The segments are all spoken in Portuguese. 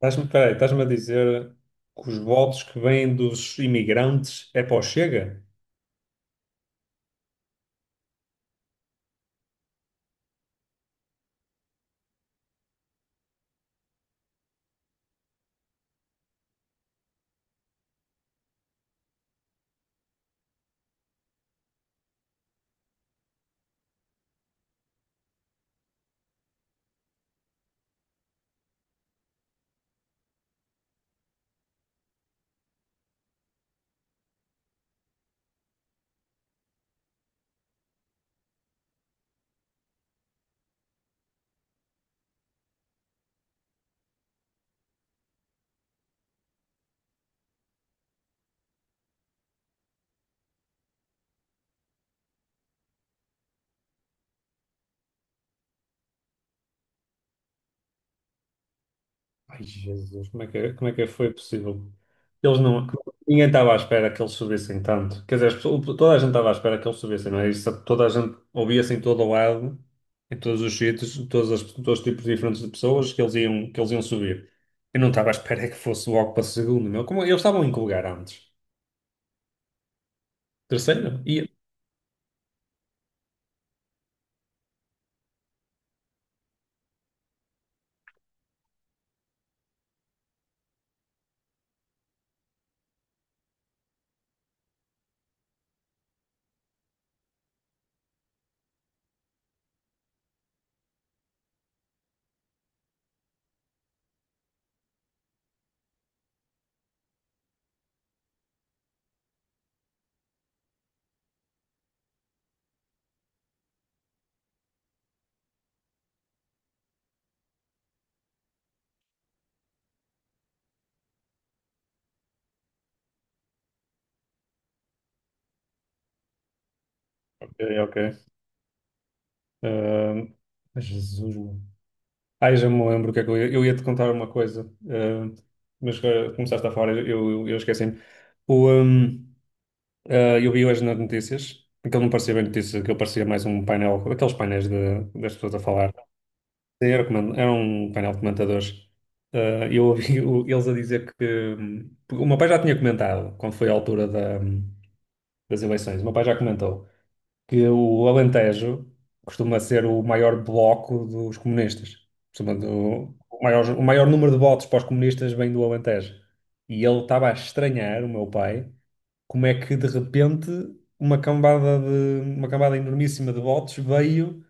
Peraí, estás-me a dizer que os votos que vêm dos imigrantes é para o Chega? Ai, Jesus, como é que foi possível? Eles não, Ninguém estava à espera que eles subissem tanto. Quer dizer, toda a gente estava à espera que eles subissem, não é? Isso, toda a gente ouvia-se em todo o lado, em todos os sítios, todos os tipos diferentes de pessoas que eles iam subir. Eu não estava à espera que fosse logo para segundo, meu. Como, eles estavam em que lugar antes? Terceiro? Ia. Ok, ok. Ah, Jesus. Ai, já me lembro o que é que eu ia te contar uma coisa, eh, mas começaste a falar, eu esqueci-me. O, ehm, eu vi hoje nas notícias, aquilo não parecia bem notícias, aquilo parecia mais um painel, aqueles das pessoas a falar. Era um painel de comentadores. Eu ouvi eles a dizer que. O meu pai já tinha comentado, quando foi a altura das eleições, o meu pai já comentou que o Alentejo costuma ser o maior bloco dos comunistas. Costuma do- o maior número de votos para os comunistas vem do Alentejo. E ele estava a estranhar, o meu pai, como é que de repente uma cambada de uma cambada enormíssima de votos veio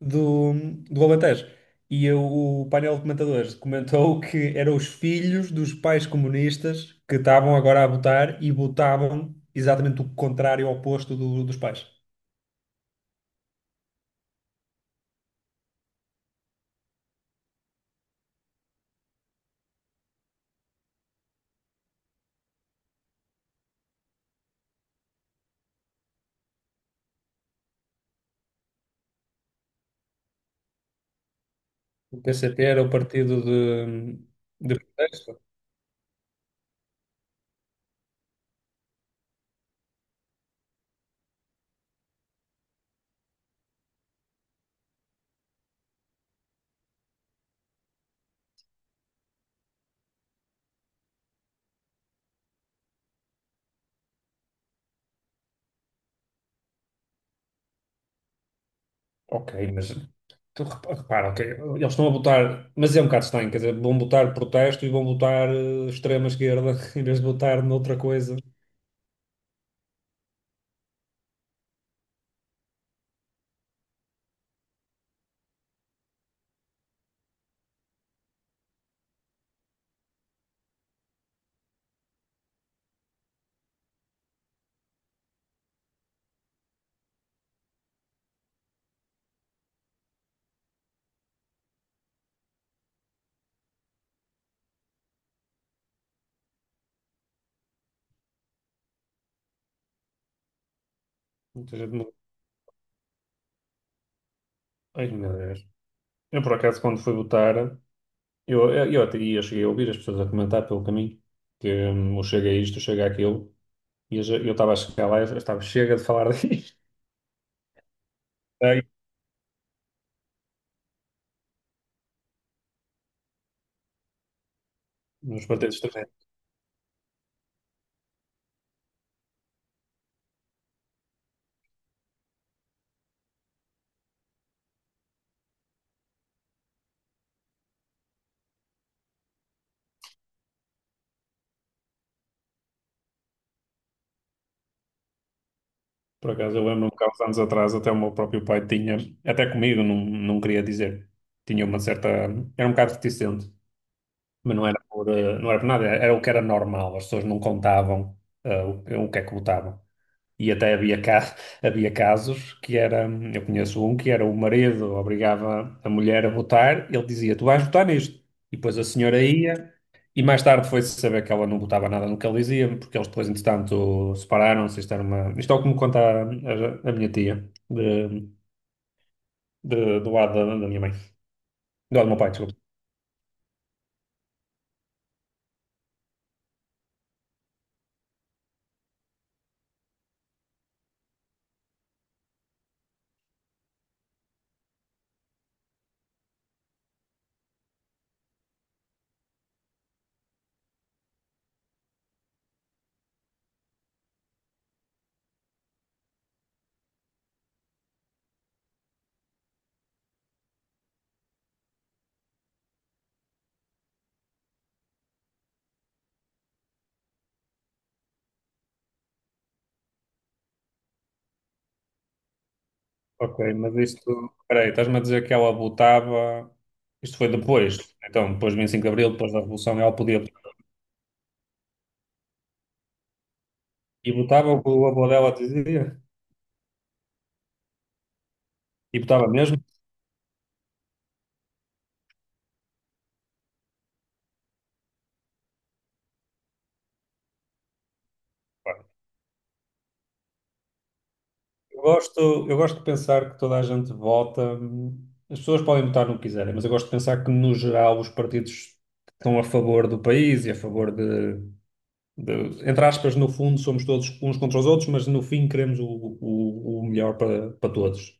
do, do Alentejo. E eu- o painel de comentadores comentou que eram os filhos dos pais comunistas que estavam agora a votar e votavam exatamente o contrário, ao oposto dos pais. O P C PCP era o partido de protesto? Ok, mas repara, ok, eles estão a botar, mas é um bocado estranho, quer dizer, vão botar protesto e vão botar extrema esquerda em vez de botar noutra coisa. Ou seja, não- Ai, meu Deus. Eu, por acaso, quando fui votar, eu até ia, cheguei a ouvir as pessoas a comentar pelo caminho que eu chego a isto, eu chego àquilo, e eu estava a chegar lá, eu estava chega de falar disto. Ai, nos partidos. Por acaso, eu lembro-me que há uns anos atrás até o meu próprio pai tinha, até comigo, não queria dizer, tinha uma certa, era um bocado reticente, mas não era por nada, era o que era normal, as pessoas não contavam o que é que votavam. E até havia casos que era, eu conheço um que era o marido obrigava a mulher a votar, ele dizia, tu vais votar nisto. E depois a senhora ia, e mais tarde foi-se saber que ela não votava nada no que ele dizia, porque eles depois, entretanto, separaram-se. Isto era uma... isto é o que me conta a minha tia, do lado da minha mãe, do lado do meu pai, desculpa. Ok, mas isto, peraí, estás-me a dizer que ela votava, isto foi depois, então, depois de 25 de Abril, depois da Revolução, ela podia. E botava o que o avô dela dizia. E botava mesmo. Pá, Eu gosto, eu gosto de pensar que toda a gente vota. As pessoas podem votar no que quiserem, mas eu gosto de pensar que, no geral, os partidos que estão a favor do país e a favor de- entre aspas, no fundo, somos todos uns contra os outros, mas no fim queremos o melhor para todos.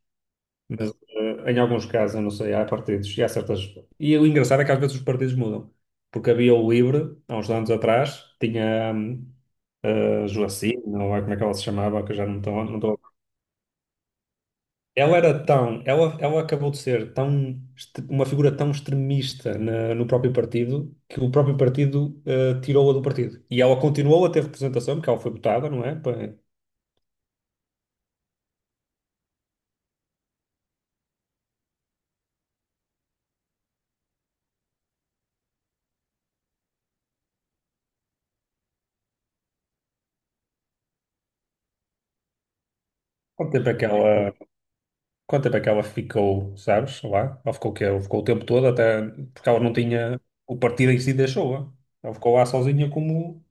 Mas em alguns casos, eu não sei, há partidos e há certas. E o engraçado é que às vezes os partidos mudam. Porque havia o LIVRE, há uns anos atrás, tinha a Joacine, não é como é que ela se chamava, que eu já não estou. Não estou... Ela era tão... Ela acabou de ser tão... Uma figura tão extremista no próprio partido que o próprio partido tirou-a do partido. E ela continuou a ter representação, porque ela foi votada, não é? Quanto tempo é que ela. Quanto tempo é que ela ficou, sabes, lá? Ela ficou o quê? Ela ficou o tempo todo até... Porque ela não tinha... O partido em si deixou-a. Ela ficou lá sozinha como...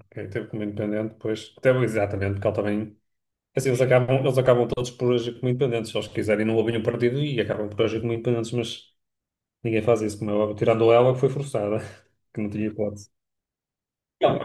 Ok, teve como independente, depois... Até, exatamente, porque ela também... Assim, eles acabam todos por agir como independentes. Se eles quiserem, não ouvem o partido e acabam por agir como independentes, mas ninguém faz isso, como é óbvio. Tirando ela, que foi forçada, que não tinha hipótese. Não.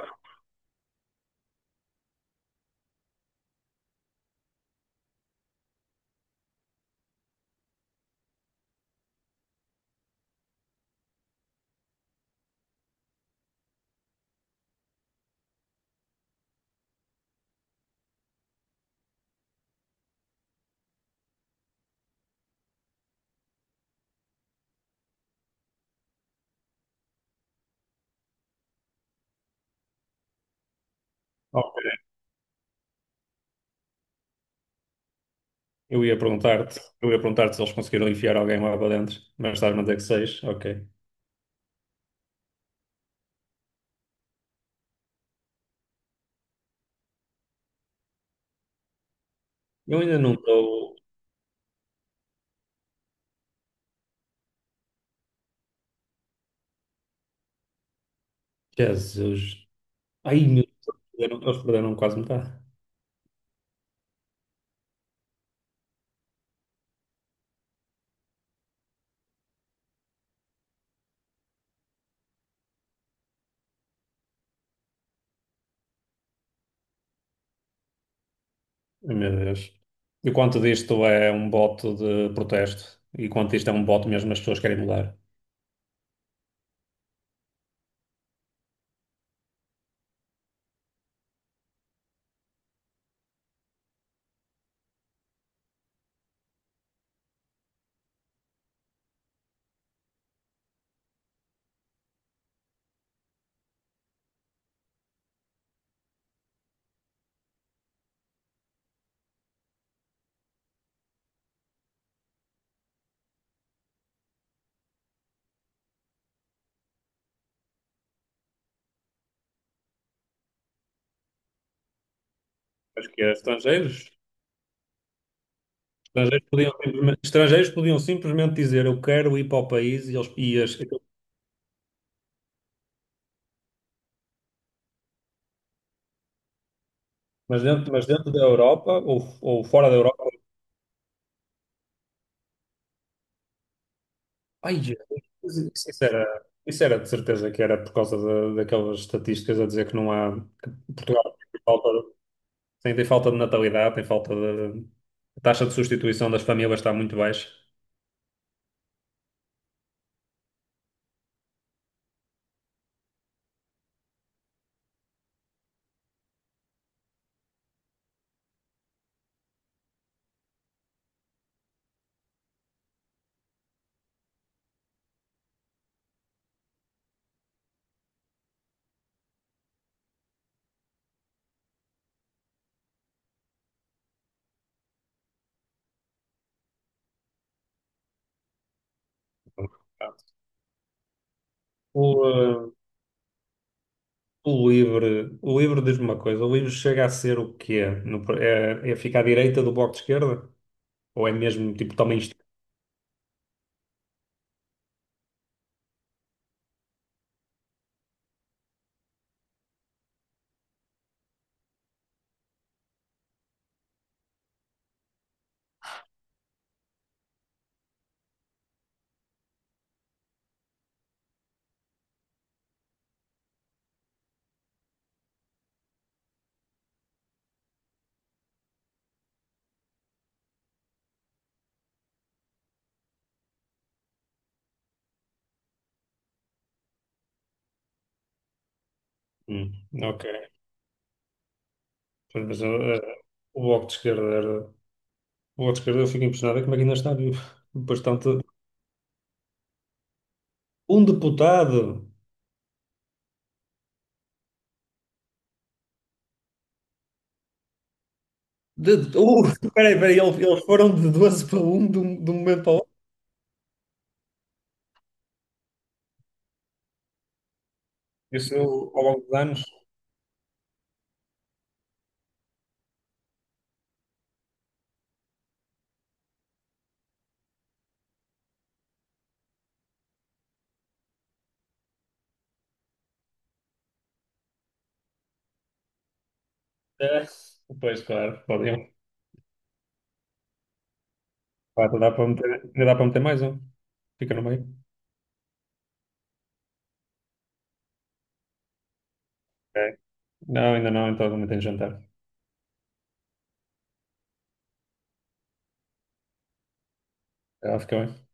Ok. Eu ia perguntar-te se eles conseguiram enfiar alguém lá para dentro, mas estás-me a dizer que seis, ok. Eu ainda não estou... Jesus... Ai, meu Deus, eles perderam quase metade. Ai, meu Deus. E quanto disto é um bote de protesto? E quanto isto é um bote mesmo as pessoas querem mudar? Acho que é estrangeiros. Estrangeiros podiam simplesmente dizer eu quero ir para o país e eles e Mas dentro da Europa ou fora da Europa. Ai, Jesus, isso era de certeza que era por causa daquelas estatísticas a dizer que não há que Portugal. Sim, tem falta de natalidade, tem falta de. A taxa de substituição das famílias está muito baixa. O, eh, o Livre diz-me uma coisa, o Livre chega a ser o quê? No- é, é ficar à direita do Bloco de Esquerda? Ou é mesmo, tipo, também... Hum, ok. Mas, o Bloco de Esquerda era... O Bloco de Esquerda, eu fico impressionado é como é que ainda está vivo. Bastante... Um deputado! De, de- uh, peraí, peraí, eles foram de 12 para 1 de um momento para o outro. Isso ao longo dos anos. É. Pois, claro, podiam. Vai, dá para meter, ainda dá para meter mais um. Fica no meio. Ok. Não, ainda não, então não tenho jantar. Já ficou.